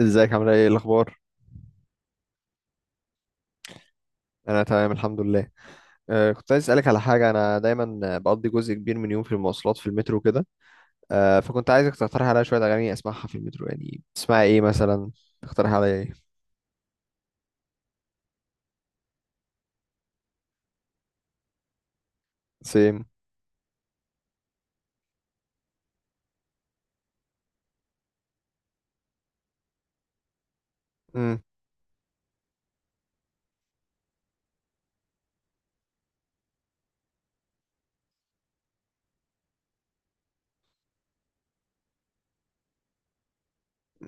ازيك؟ عامله ايه؟ إيه الاخبار؟ انا تمام الحمد لله. كنت عايز اسالك على حاجه، انا دايما بقضي جزء كبير من يوم في المواصلات، في المترو كده. فكنت عايزك تقترح عليا شويه اغاني اسمعها في المترو، يعني تسمعي ايه مثلا؟ تقترح عليا ايه؟ سيم. امم.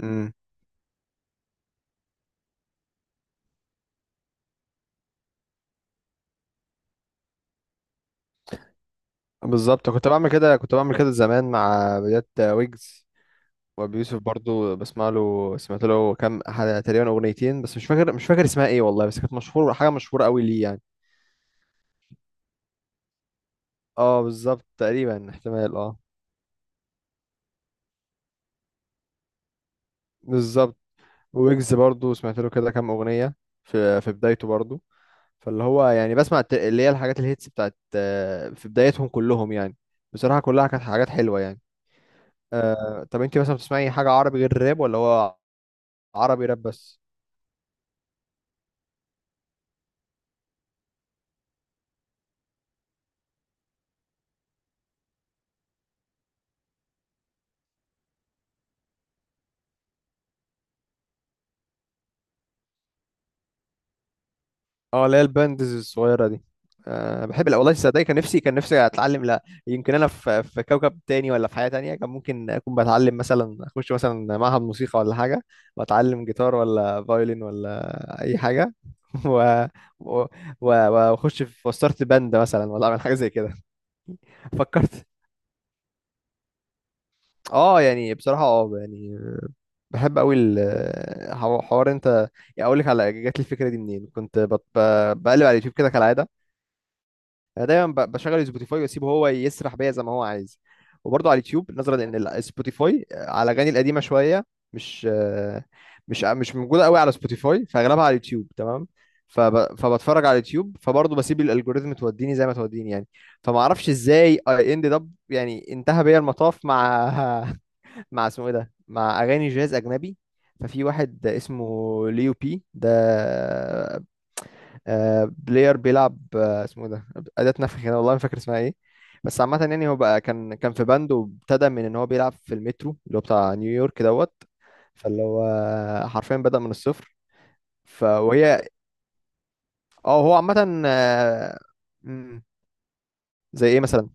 امم. بالظبط، كنت بعمل كده زمان مع بدايات ويجز. وابي يوسف برضو بسمع له سمعت له كام تقريبا اغنيتين، بس مش فاكر اسمها ايه والله. بس كانت حاجه مشهوره قوي ليه يعني. اه بالظبط، تقريبا احتمال اه بالظبط. ويجز برضو سمعت له كده كام اغنيه في بدايته برضو. فاللي هو يعني بسمع اللي هي الحاجات الهيتس بتاعت في بدايتهم كلهم يعني. بصراحه كلها كانت حاجات حلوه يعني. طب انت مثلا بتسمعي حاجه عربي غير الراب، ولا هو عربي راب بس؟ اه، اللي هي الباندز الصغيره دي. أه بحب. لا والله تصدقي، كان نفسي اتعلم. لا يمكن، انا في كوكب تاني، ولا في حياه تانية كان ممكن اكون بتعلم مثلا، اخش مثلا معهد موسيقى ولا حاجه، واتعلم جيتار ولا فايولين ولا اي حاجه. و... و... واخش في وستارت باند مثلا، ولا اعمل حاجه زي كده. فكرت. اه يعني بصراحه، يعني بحب قوي الحوار انت. يعني اقول لك على جات لي الفكره دي منين، كنت بقلب على اليوتيوب كده كالعاده. انا دايما بشغل سبوتيفاي واسيبه هو يسرح بيا زي ما هو عايز، وبرضه على اليوتيوب نظرا ان سبوتيفاي على الاغاني القديمه شويه مش آه، مش موجوده قوي على سبوتيفاي، فاغلبها على اليوتيوب. تمام. فبتفرج على اليوتيوب، فبرضه بسيب الالجوريزم توديني زي ما توديني يعني. فما اعرفش ازاي اي اند اب، يعني انتهى بيا المطاف مع مع اسمه ايه ده، مع اغاني جاز اجنبي. ففي واحد اسمه ليو بي ده. بلاير بيلعب، اسمه إيه ده، أداة نفخ هنا والله ما فاكر اسمها ايه. بس عامة يعني هو بقى كان في باند، وابتدى من ان هو بيلعب في المترو اللي هو بتاع نيويورك دوت. فاللي هو حرفيا بدأ من الصفر. ف وهي. اه، هو عامة. مم. زي ايه مثلا؟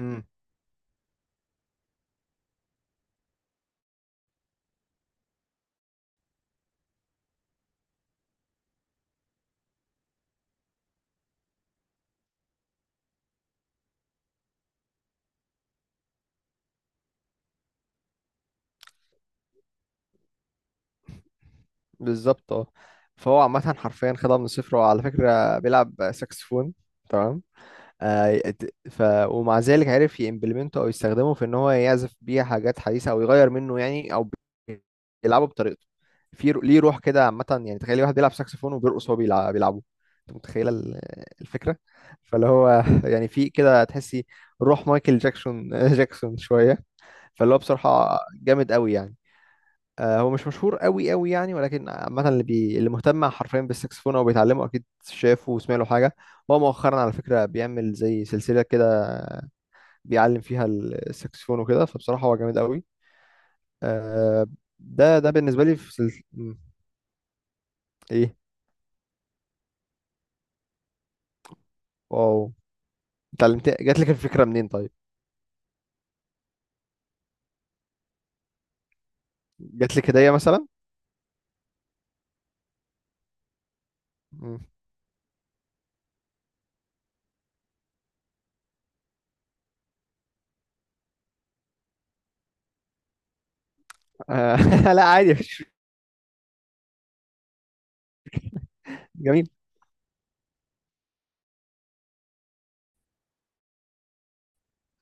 مم. بالظبط اه فهو عامة حرفيا خدها من الصفر، وعلى فكرة بيلعب ساكسفون. تمام. آه، ت- ف ومع ذلك عرف يمبلمنته، او يستخدمه في ان هو يعزف بيه حاجات حديثه، او يغير منه يعني، او بي- يلعبه بطريقته. في ليه روح كده عامه يعني. تخيل واحد بيلعب ساكسفون وبيرقص وهو بيلعبه. انت متخيله الفكره؟ فاللي هو يعني في كده تحسي روح مايكل جاكسون شويه. فاللي هو بصراحه جامد قوي يعني. هو مش مشهور قوي قوي يعني، ولكن عامة اللي مهتم حرفيا بالسكسفون او بيتعلمه اكيد شافه وسمع له حاجة. هو مؤخرا على فكرة بيعمل زي سلسلة كده، بيعلم فيها السكسفون وكده، فبصراحة هو جامد قوي. آه، ده بالنسبة لي في سلس... مم، ايه؟ واو. اتعلمت؟ جات لك الفكرة منين طيب؟ جات لك هدية مثلا؟ مم. آه، لا عادي مفيش. جميل.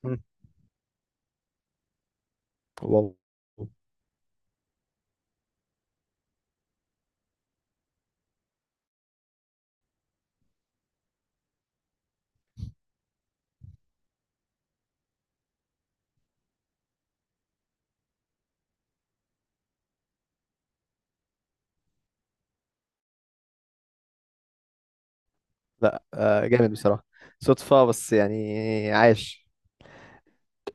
مم. واو. لا، جامد بصراحة. صدفة بس يعني. عاش.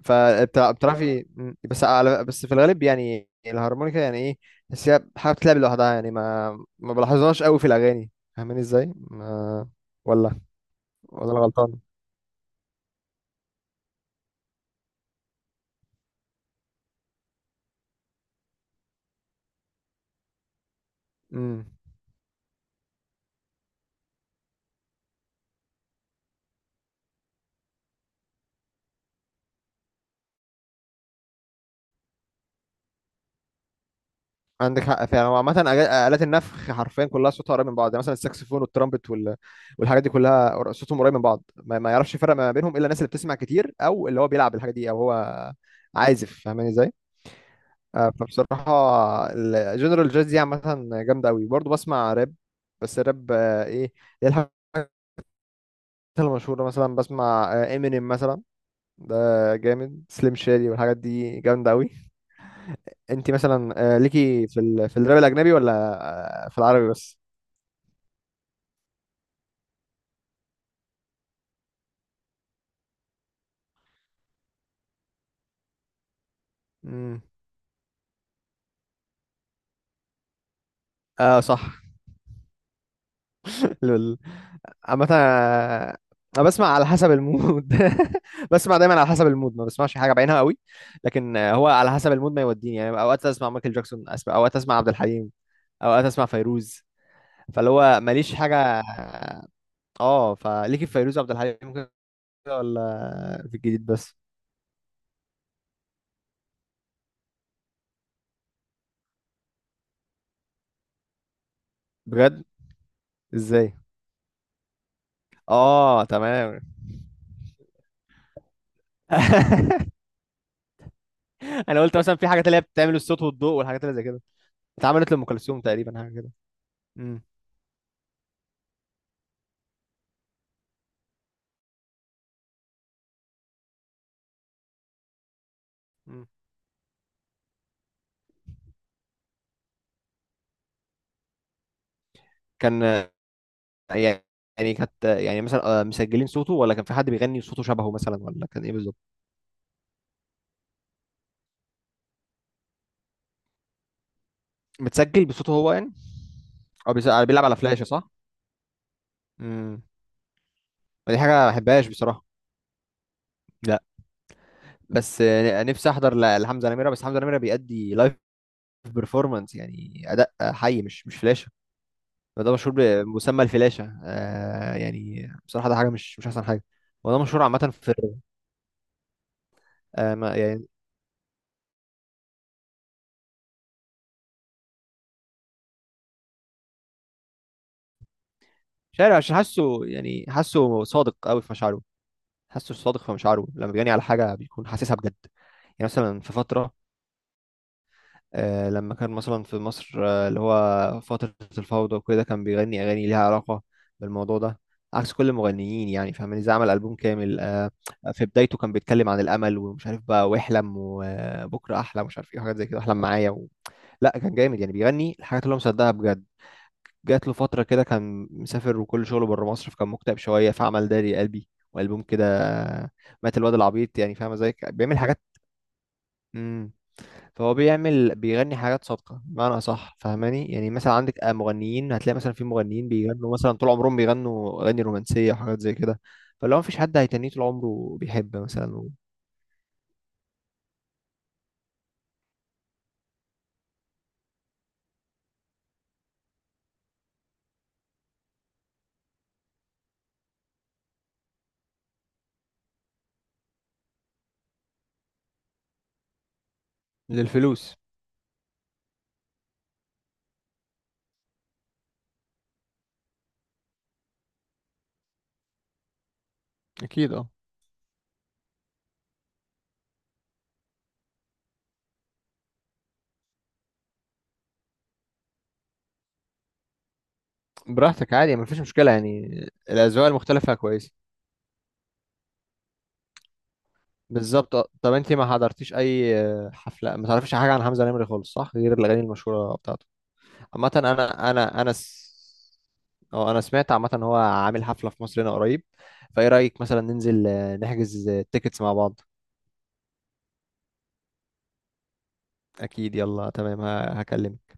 فبتعرفي، بس في الغالب يعني الهارمونيكا يعني ايه؟ بس هي حاجه بتلعب لوحدها، يعني ما بلاحظهاش قوي في الاغاني. فاهماني ازاي؟ ما ولا ولا انا غلطان؟ امم. عندك حق فعلا، هو عامه آلات النفخ حرفيا كلها صوتها قريب من بعض، يعني مثلا الساكسفون والترامبت والحاجات دي كلها صوتهم قريب من بعض، ما يعرفش يفرق ما بينهم الا الناس اللي بتسمع كتير، او اللي هو بيلعب الحاجه دي، او هو عازف. فاهماني ازاي؟ فبصراحة الجنرال جاز دي عامة جامدة أوي. برضه بسمع راب، بس الراب، إيه، هي الحاجات المشهورة، مثلا بسمع امينيم مثلا. ده جامد، سليم شادي والحاجات دي جامدة أوي. أنت مثلا، ليكي في في الراب الأجنبي، ولا في العربي بس؟ مم. اه صح. لول. عامة أنا بسمع على حسب المود. بسمع دايما على حسب المود، ما بسمعش حاجة بعينها قوي. لكن، هو على حسب المود ما يوديني. يعني أوقات أسمع مايكل جاكسون، أوقات أسمع عبد الحليم، أوقات أسمع فيروز. فاللي هو ماليش حاجة. اه، فليكي في فيروز وعبد الحليم كده، ولا في الجديد بس؟ بجد؟ ازاي؟ اه تمام. انا قلت مثلا في حاجات اللي هي بتعمل الصوت والضوء والحاجات اللي زي كده. اتعملت لام كلثوم تقريبا حاجه كده. امم. كان يعني، يعني كانت يعني مثلا، مسجلين صوته، ولا كان في حد بيغني صوته شبهه مثلا، ولا كان ايه بالظبط؟ متسجل بصوته هو يعني، او بيلعب على فلاشة صح؟ امم. دي حاجة ما بحبهاش بصراحة. لا. بس، نفسي احضر لحمزة نمرة، بس حمزة نمرة بيأدي لايف بيرفورمانس، يعني اداء حي، مش فلاشة. ده مشهور بمسمى الفلاشة، يعني بصراحة ده حاجة مش احسن حاجة. وده مشهور عامة في ما يعني. مش عارف، عشان حاسه يعني، حاسه صادق قوي في مشاعره، حاسه صادق في مشاعره، لما بيجاني على حاجه بيكون حاسسها بجد. يعني مثلا في فتره، لما كان مثلا في مصر، اللي هو فتره الفوضى وكده، كان بيغني اغاني ليها علاقه بالموضوع ده. عكس كل المغنيين يعني، فاهمني ازاي؟ عمل البوم كامل. في بدايته كان بيتكلم عن الامل ومش عارف بقى، واحلم وبكره احلى، مش عارف ايه، حاجات زي كده. احلم معايا. لا كان جامد يعني، بيغني الحاجات اللي هو مصدقها بجد. جات له فترة كده كان مسافر وكل شغله بره مصر، فكان مكتئب شوية، فعمل داري قلبي، وألبوم كده. مات الواد العبيط. يعني فاهمة ازاي؟ بيعمل حاجات. امم. فهو بيغني حاجات صادقة بمعنى أصح، فاهماني. يعني مثلا عندك، مغنيين هتلاقي مثلا، في مغنيين بيغنوا مثلا طول عمرهم بيغنوا أغاني رومانسية وحاجات زي كده. فلو مفيش حد هيتنيه طول عمره بيحب مثلا. للفلوس. أكيد اه. براحتك عادي، مفيش مشكلة يعني. الأذواق المختلفة كويسة. بالظبط. طب انت ما حضرتيش اي حفله؟ ما تعرفيش حاجه عن حمزه نمري خالص صح، غير الاغاني المشهوره بتاعته. عامه، انا انا انا س... اه انا سمعت عامه ان هو عامل حفله في مصر هنا قريب. فايه رايك مثلا ننزل نحجز تيكتس مع بعض؟ اكيد. يلا تمام، هكلمك.